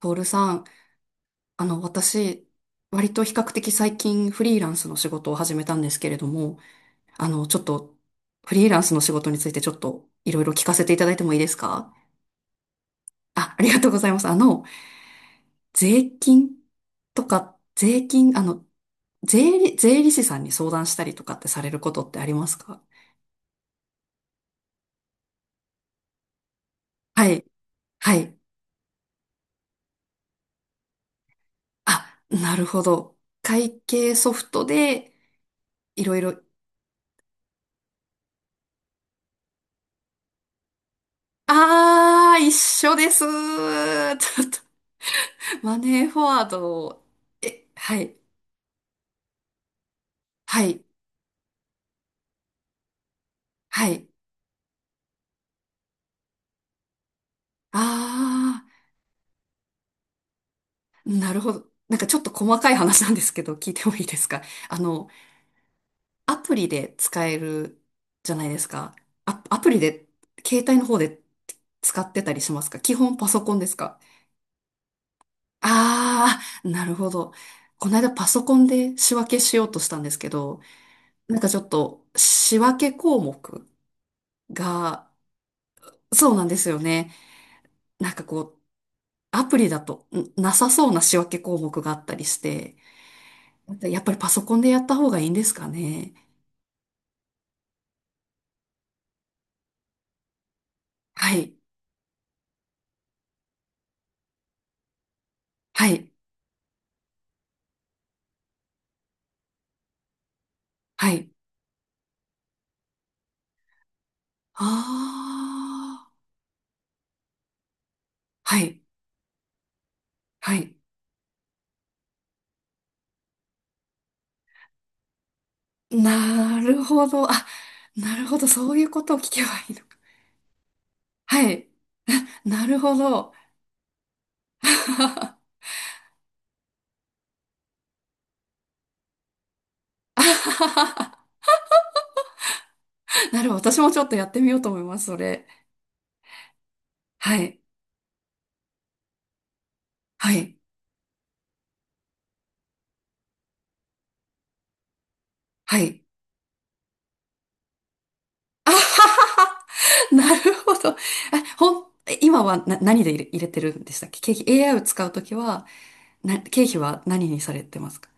トールさん、私、割と比較的最近フリーランスの仕事を始めたんですけれども、あの、ちょっと、フリーランスの仕事についてちょっといろいろ聞かせていただいてもいいですか？あ、ありがとうございます。税金とか、税金、税理士さんに相談したりとかってされることってありますか？はい、はい。あ、なるほど。会計ソフトでいろいろ、あー、一緒です。ちょっとマネーフォワード、え、はい、はい、はい。あー、なるほど。なんかちょっと細かい話なんですけど、聞いてもいいですか？あの、アプリで使えるじゃないですか。アプリで、携帯の方で使ってたりしますか？基本パソコンですか？ああ、なるほど。この間パソコンで仕分けしようとしたんですけど、なんかちょっと仕分け項目が、そうなんですよね。なんかこう、アプリだとんなさそうな仕分け項目があったりして、やっぱりパソコンでやった方がいいんですかね。はい、はい、はい。ああ、はい、はい。なるほど。あ、なるほど。そういうことを聞けばいいのか。はい。なるほど。なるほど。私もちょっとやってみようと思います、それ。はい。はい。はい。なるほど。あ、え今はな、何で入れ、入れてるんでしたっけ？ケーキ AI を使うときは、な、経費は何にされてますか？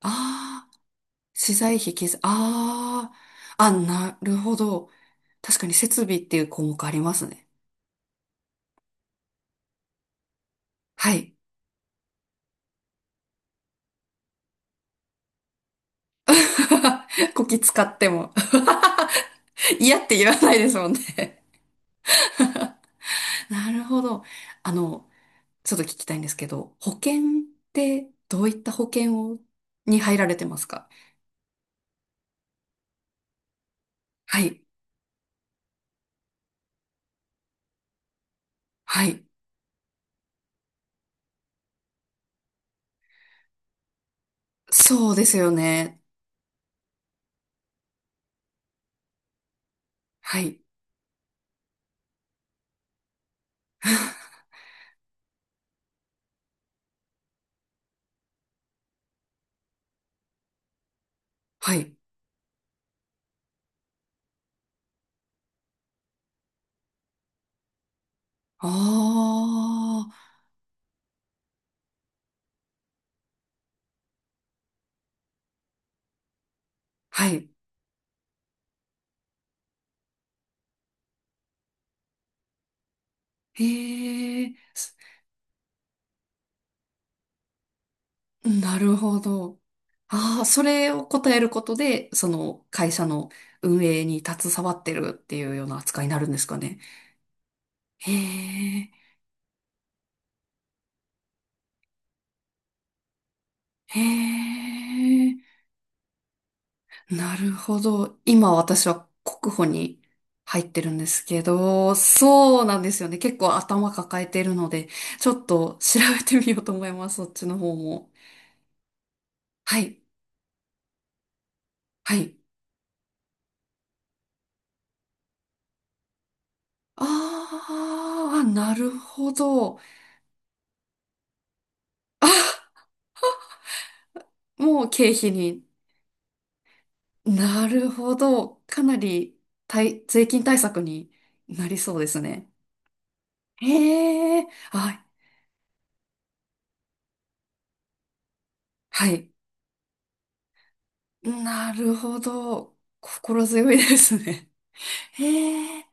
ああー、資材費、ああ、あ、なるほど。確かに設備っていう項目ありますね。はい。こき使っても 嫌って言わないですもんね。 なるほど。あの、ちょっと聞きたいんですけど、保険ってどういった保険を、に入られてますか？はい。はい。そうですよね。はい。はい。ああ。はい。へえ、すなるほど。ああ、それを答えることで、その会社の運営に携わってるっていうような扱いになるんですかね。へえ、へえ、なるほど。今私は国保に入ってるんですけど、そうなんですよね。結構頭抱えてるので、ちょっと調べてみようと思います。そっちの方も。はい、はい。ああ、なるほど。あ、もう経費になるほど。かなり対税金対策になりそうですね。へえ、はい、はい。なるほど。心強いですね。へえ、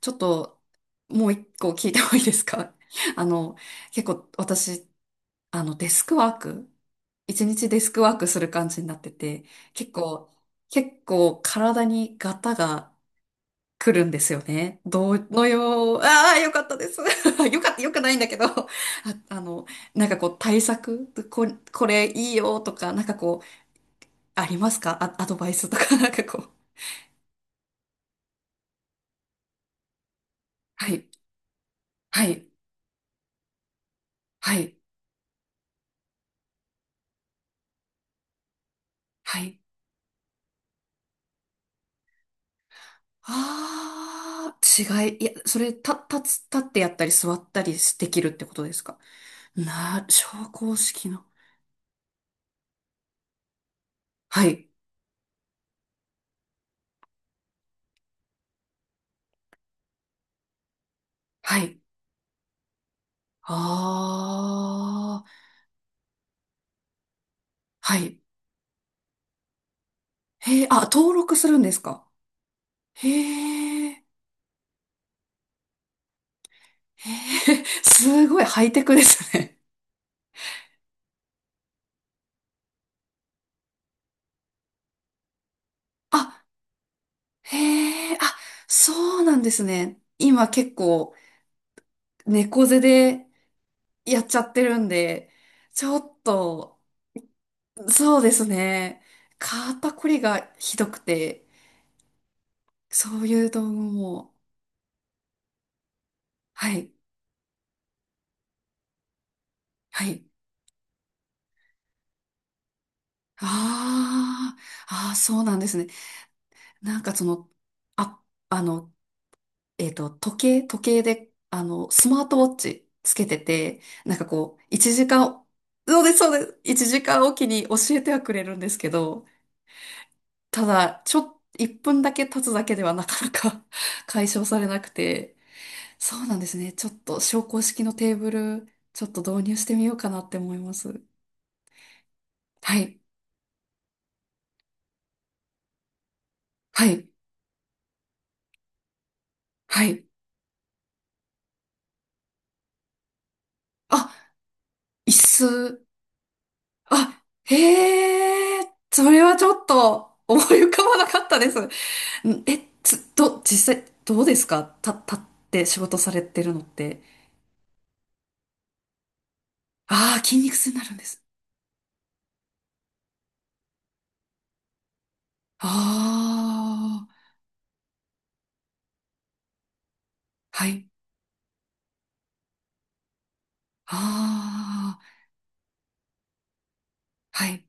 ちょっと、もう一個聞いてもいいですか？ あの、結構私、あの、デスクワーク、一日デスクワークする感じになってて、結構、結構体にガタが来るんですよね。どのよう、ああ、よかったです。よかった、よくないんだけど、あ、あの、なんかこう対策、こ、これいいよとか、なんかこう、ありますか？あ、アドバイスとか、なんかこう。はい、はい、はい、はい。ああ、違い、いや、それ、た、立つ、立ってやったり座ったりできるってことですか？な、昇降式の。はい、はい。ああ、はい。へえ、あ、登録するんですか？へえ。へえ、すごいハイテクですね。あ、へえ、あ、そうなんですね。今結構猫背でやっちゃってるんで、ちょっと、そうですね。肩こりがひどくて、そういう道具も、はい、はい。ああ、ああ、そうなんですね。なんかその、あ、あの、時計で、スマートウォッチつけてて、なんかこう、1時間、そうです、そうです。1時間おきに教えてはくれるんですけど、ただ、ちょっ、1分だけ経つだけではなかなか 解消されなくて、そうなんですね。ちょっと、昇降式のテーブル、ちょっと導入してみようかなって思います。はい、はい、はい。あ、椅子。あ、へえ、それはちょっと、思い浮かばなかったです。んえ、つ、ど、実際、どうですか？た、立って仕事されてるのって。ああ、筋肉痛になるんです。ああ、はい。ああ、はい。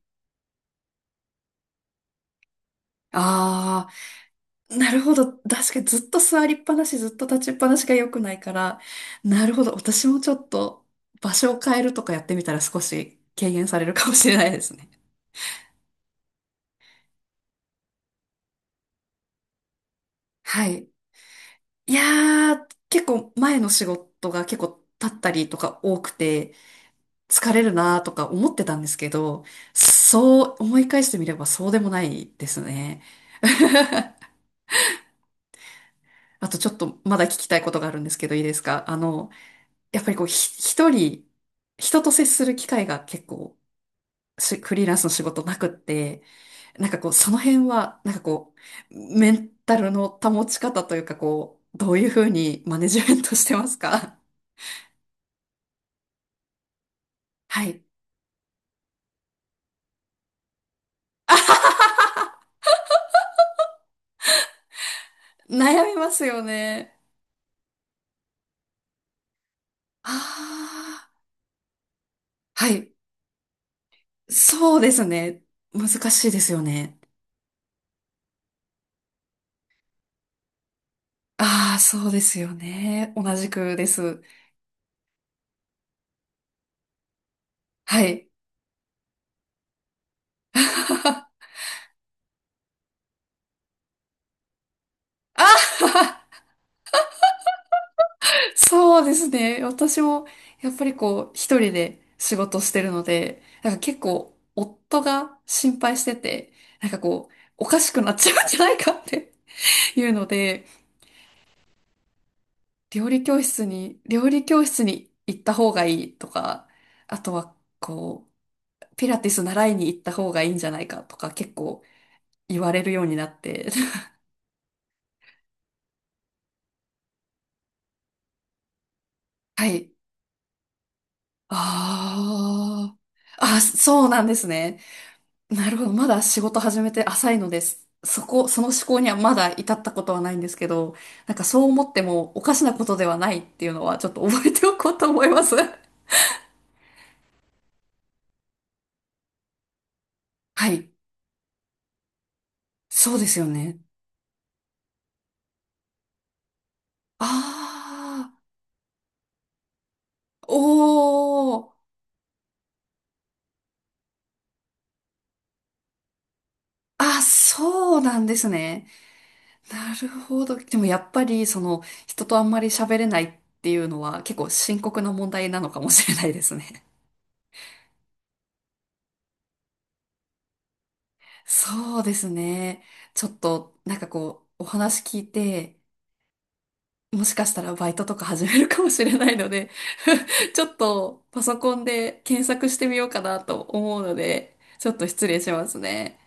ああ、なるほど。確かにずっと座りっぱなし、ずっと立ちっぱなしが良くないから。なるほど。私もちょっと場所を変えるとかやってみたら少し軽減されるかもしれないですね。はい。いやー、結構前の仕事が結構立ったりとか多くて、疲れるなとか思ってたんですけど、そう思い返してみればそうでもないですね。あとちょっとまだ聞きたいことがあるんですけどいいですか？やっぱりこうひ一人、人と接する機会が結構しフリーランスの仕事なくって、なんかこうその辺は、なんかこう、メンタルの保ち方というかこう、どういうふうにマネジメントしてますか？はい。悩みますよね。ああ、はい。そうですね。難しいですよね。ああ、そうですよね。同じくです。はい。ああ、そうですね。私も、やっぱりこう、一人で仕事してるので、なんか結構、夫が心配してて、なんかこう、おかしくなっちゃうんじゃないかっていうので、料理教室に行った方がいいとか、あとは、こう、ピラティス習いに行った方がいいんじゃないかとか結構言われるようになって、はい。ああ。あ、そうなんですね。なるほど。まだ仕事始めて浅いのです。その思考にはまだ至ったことはないんですけど、なんかそう思ってもおかしなことではないっていうのはちょっと覚えておこうと思います。はい。そうですよね。ああ。おー。あ、そうなんですね。なるほど。でもやっぱり、その、人とあんまり喋れないっていうのは結構深刻な問題なのかもしれないですね。そうですね。ちょっと、なんかこう、お話聞いて、もしかしたらバイトとか始めるかもしれないので ちょっとパソコンで検索してみようかなと思うので、ちょっと失礼しますね。